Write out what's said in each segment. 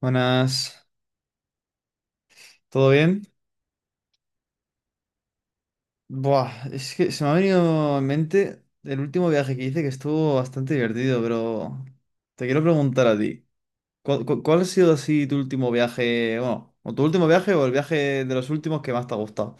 Buenas, ¿todo bien? Buah, es que se me ha venido en mente el último viaje que hice que estuvo bastante divertido, pero te quiero preguntar a ti, ¿cuál ha sido así tu último viaje, bueno, o tu último viaje o el viaje de los últimos que más te ha gustado?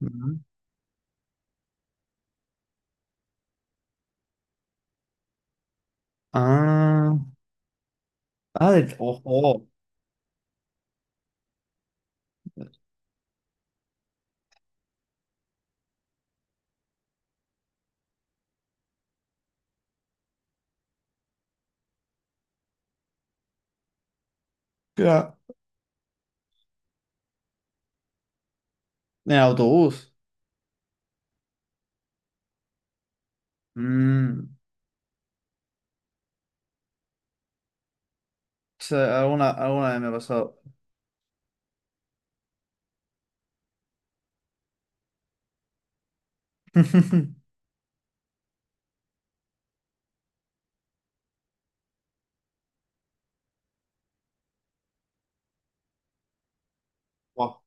Ujú. Ah, ojo. Ya. En autobús. O sea, alguna vez me ha pasado. Buah,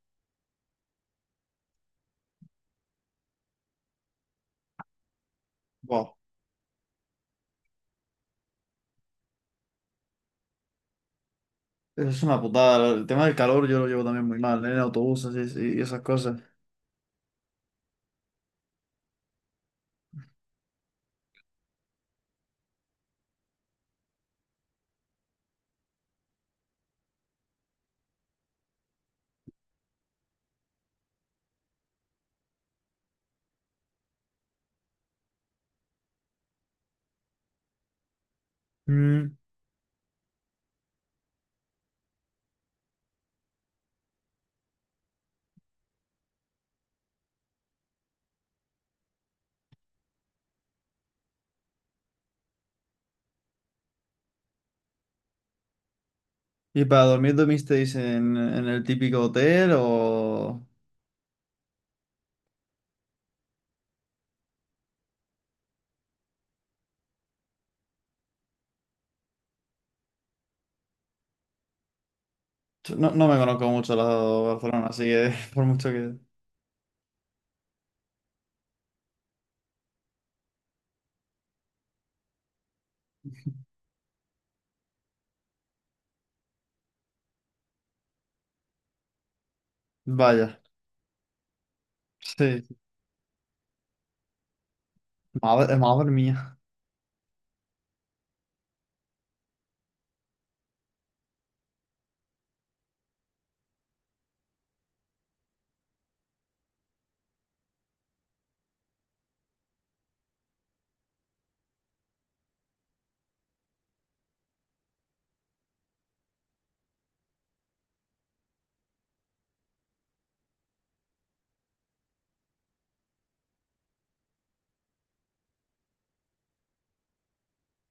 buah, eso es una putada, el tema del calor yo lo llevo también muy mal, ¿eh?, en autobuses así, y esas cosas. Mm. ¿Y para dormir dormisteis en el típico hotel o...? Yo no, no me conozco mucho la de Barcelona, así que por mucho que... Vaya, sí, madre mía.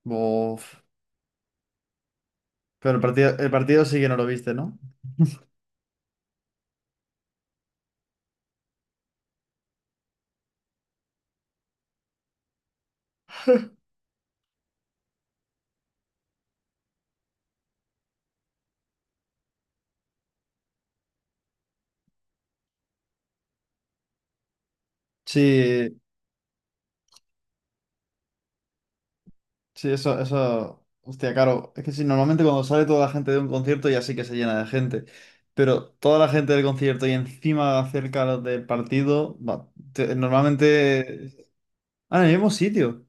Uf. Pero el partido sí que no lo viste, ¿no? Sí, sí, eso... Hostia, claro, es que sí, normalmente cuando sale toda la gente de un concierto ya sí que se llena de gente. Pero toda la gente del concierto y encima cerca los del partido, va, normalmente... Ah, en el mismo sitio.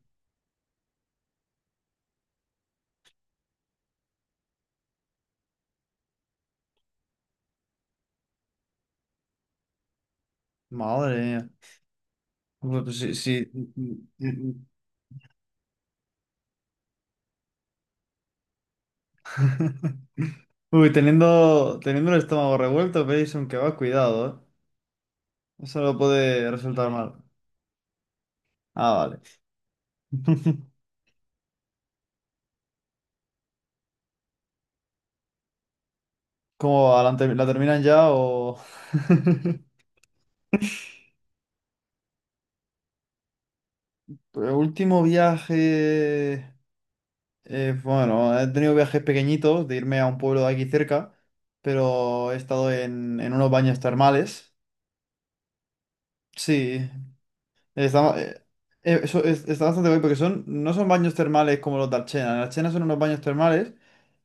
Madre mía. Uy, pues sí, sí. Uy, teniendo el estómago revuelto, pedís un kebab, cuidado, ¿eh? Eso lo puede resultar mal. Ah, vale. ¿Cómo va? ¿ la terminan ya o...? Pues, último viaje... bueno, he tenido viajes pequeñitos de irme a un pueblo de aquí cerca, pero he estado en unos baños termales. Sí. Está, eh, eso está bastante guay porque son, no son baños termales como los de Archena. En Archena son unos baños termales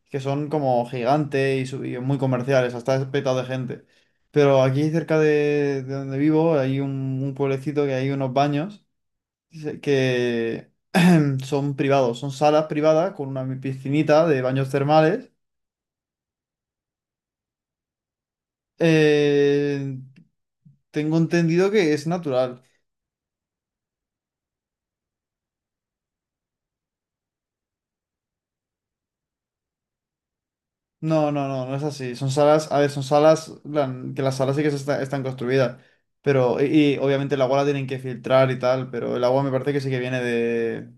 que son como gigantes y, y muy comerciales, hasta es petado de gente. Pero aquí cerca de donde vivo hay un pueblecito que hay unos baños que son privados, son salas privadas con una piscinita de baños termales. Eh, tengo entendido que es natural. No, no, no, no es así. Son salas, a ver, son salas, que las salas sí que están construidas, pero, y obviamente el agua la tienen que filtrar y tal, pero el agua me parece que sí que viene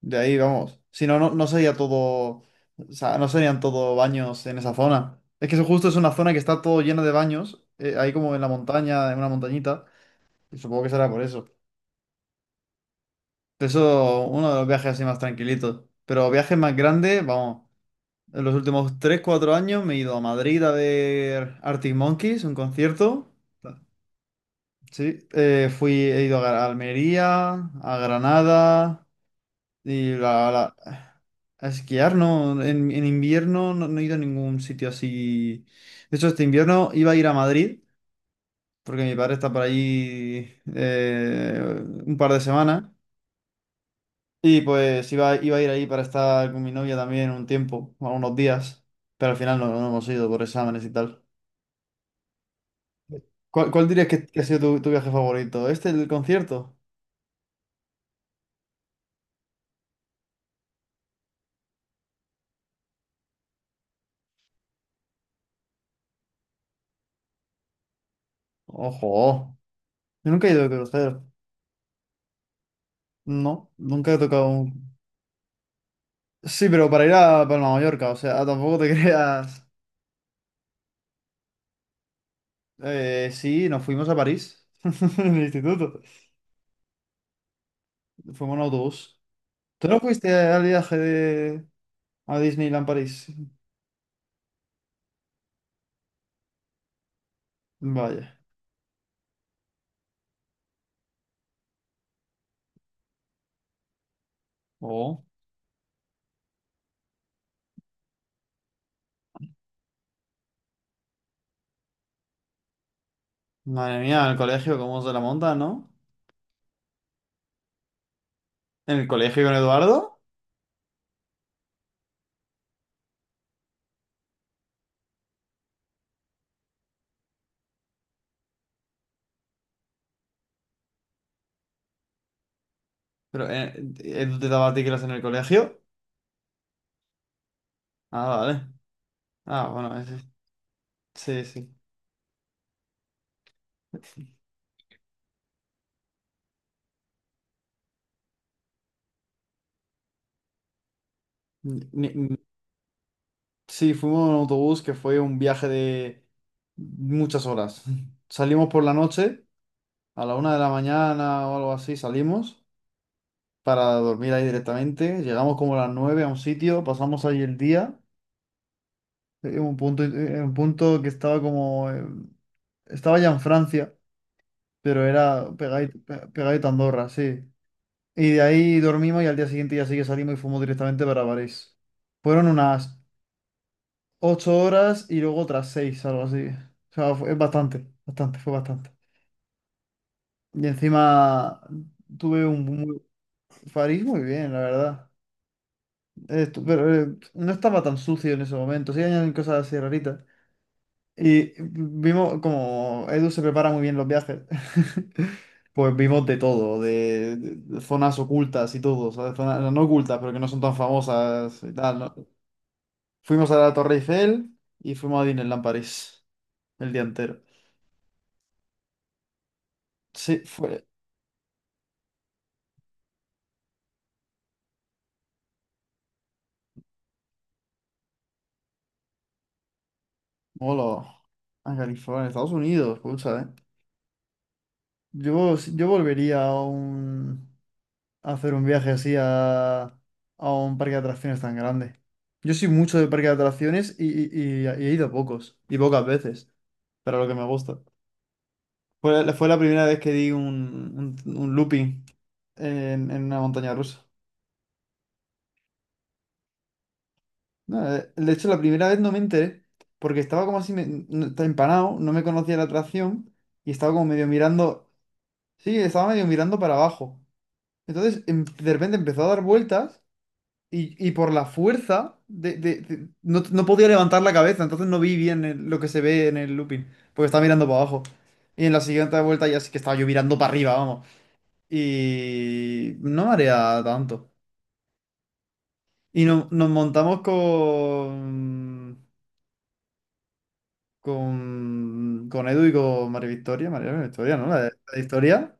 de ahí, vamos. Si no, no, no sería todo, o sea, no serían todo baños en esa zona. Es que eso justo es una zona que está todo llena de baños, ahí como en la montaña, en una montañita, y supongo que será por eso. Eso, uno de los viajes así más tranquilitos, pero viajes más grandes, vamos. En los últimos tres cuatro años me he ido a Madrid a ver Arctic Monkeys, un concierto. Sí, he ido a a Almería, a Granada y a esquiar, ¿no? En invierno no, no he ido a ningún sitio así. De hecho, este invierno iba a ir a Madrid, porque mi padre está por allí un par de semanas. Y pues iba, iba a ir ahí para estar con mi novia también un tiempo, algunos días, pero al final no, no hemos ido por exámenes y tal. ¿Cuál, cuál dirías que ha sido tu, tu viaje favorito? ¿Este, el concierto? Ojo, yo nunca he ido a conocer. No, nunca he tocado un... Sí, pero para ir a Palma de Mallorca, o sea, tampoco te creas... sí, nos fuimos a París, en el instituto. Fuimos en autobús. ¿Tú no fuiste al viaje de... a Disneyland París? Vaya. Oh. Madre mía, en el colegio, ¿cómo se la monta, no? ¿En el colegio con Eduardo? ¿Pero Edu te daba clases en el colegio? Ah, vale. Ah, bueno, es... Sí, sí. Ni- ni- Sí, fuimos en autobús que fue un viaje de muchas horas. Salimos por la noche, a la una de la mañana o algo así, salimos para dormir ahí directamente. Llegamos como a las nueve a un sitio, pasamos ahí el día, en un punto que estaba como... estaba ya en Francia, pero era pegadito, pegadito a Andorra, sí. Y de ahí dormimos y al día siguiente ya sí que salimos y fuimos directamente para París. Fueron unas ocho horas y luego otras seis, algo así. O sea, es bastante, bastante, fue bastante. Y encima tuve un muy... París muy bien, la verdad. Pero no estaba tan sucio en ese momento. Sí, añaden cosas así raritas. Y vimos como Edu se prepara muy bien los viajes. Pues vimos de todo, de, de zonas ocultas y todo, ¿sabes? Zonas no no ocultas, pero que no son tan famosas y tal, ¿no? Fuimos a la Torre Eiffel y fuimos a Disneyland París el día entero. Sí, fue. Hola, a California, Estados Unidos, escucha, ¿eh? Yo, si, yo volvería a, un, a hacer un viaje así a un parque de atracciones tan grande. Yo soy mucho de parque de atracciones y, y he ido a pocos, y pocas veces, pero lo que me gusta. Fue, fue la primera vez que di un looping en una montaña rusa. No, de hecho, la primera vez no me enteré, porque estaba como así, estaba empanado, no me conocía la atracción, y estaba como medio mirando. Sí, estaba medio mirando para abajo. Entonces, de repente empezó a dar vueltas y por la fuerza de, no, no podía levantar la cabeza, entonces no vi bien lo que se ve en el looping, porque estaba mirando para abajo. Y en la siguiente vuelta ya sí que estaba yo mirando para arriba, vamos. Y no marea tanto. Y nos montamos con Edu y con María Victoria, María Victoria, ¿no? La de historia.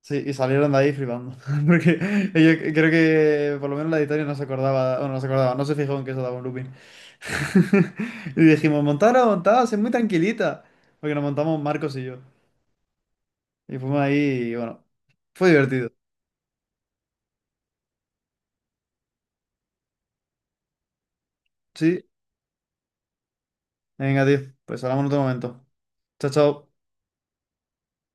Sí, y salieron de ahí flipando. Porque yo creo que por lo menos la editorial no se acordaba, bueno, no se acordaba, no se fijó en que eso daba un looping. Y dijimos, montada, montada, es muy tranquilita. Porque nos montamos Marcos y yo. Y fuimos ahí y bueno, fue divertido. Sí, venga, tío, pues hablamos en otro momento. Chao, chao.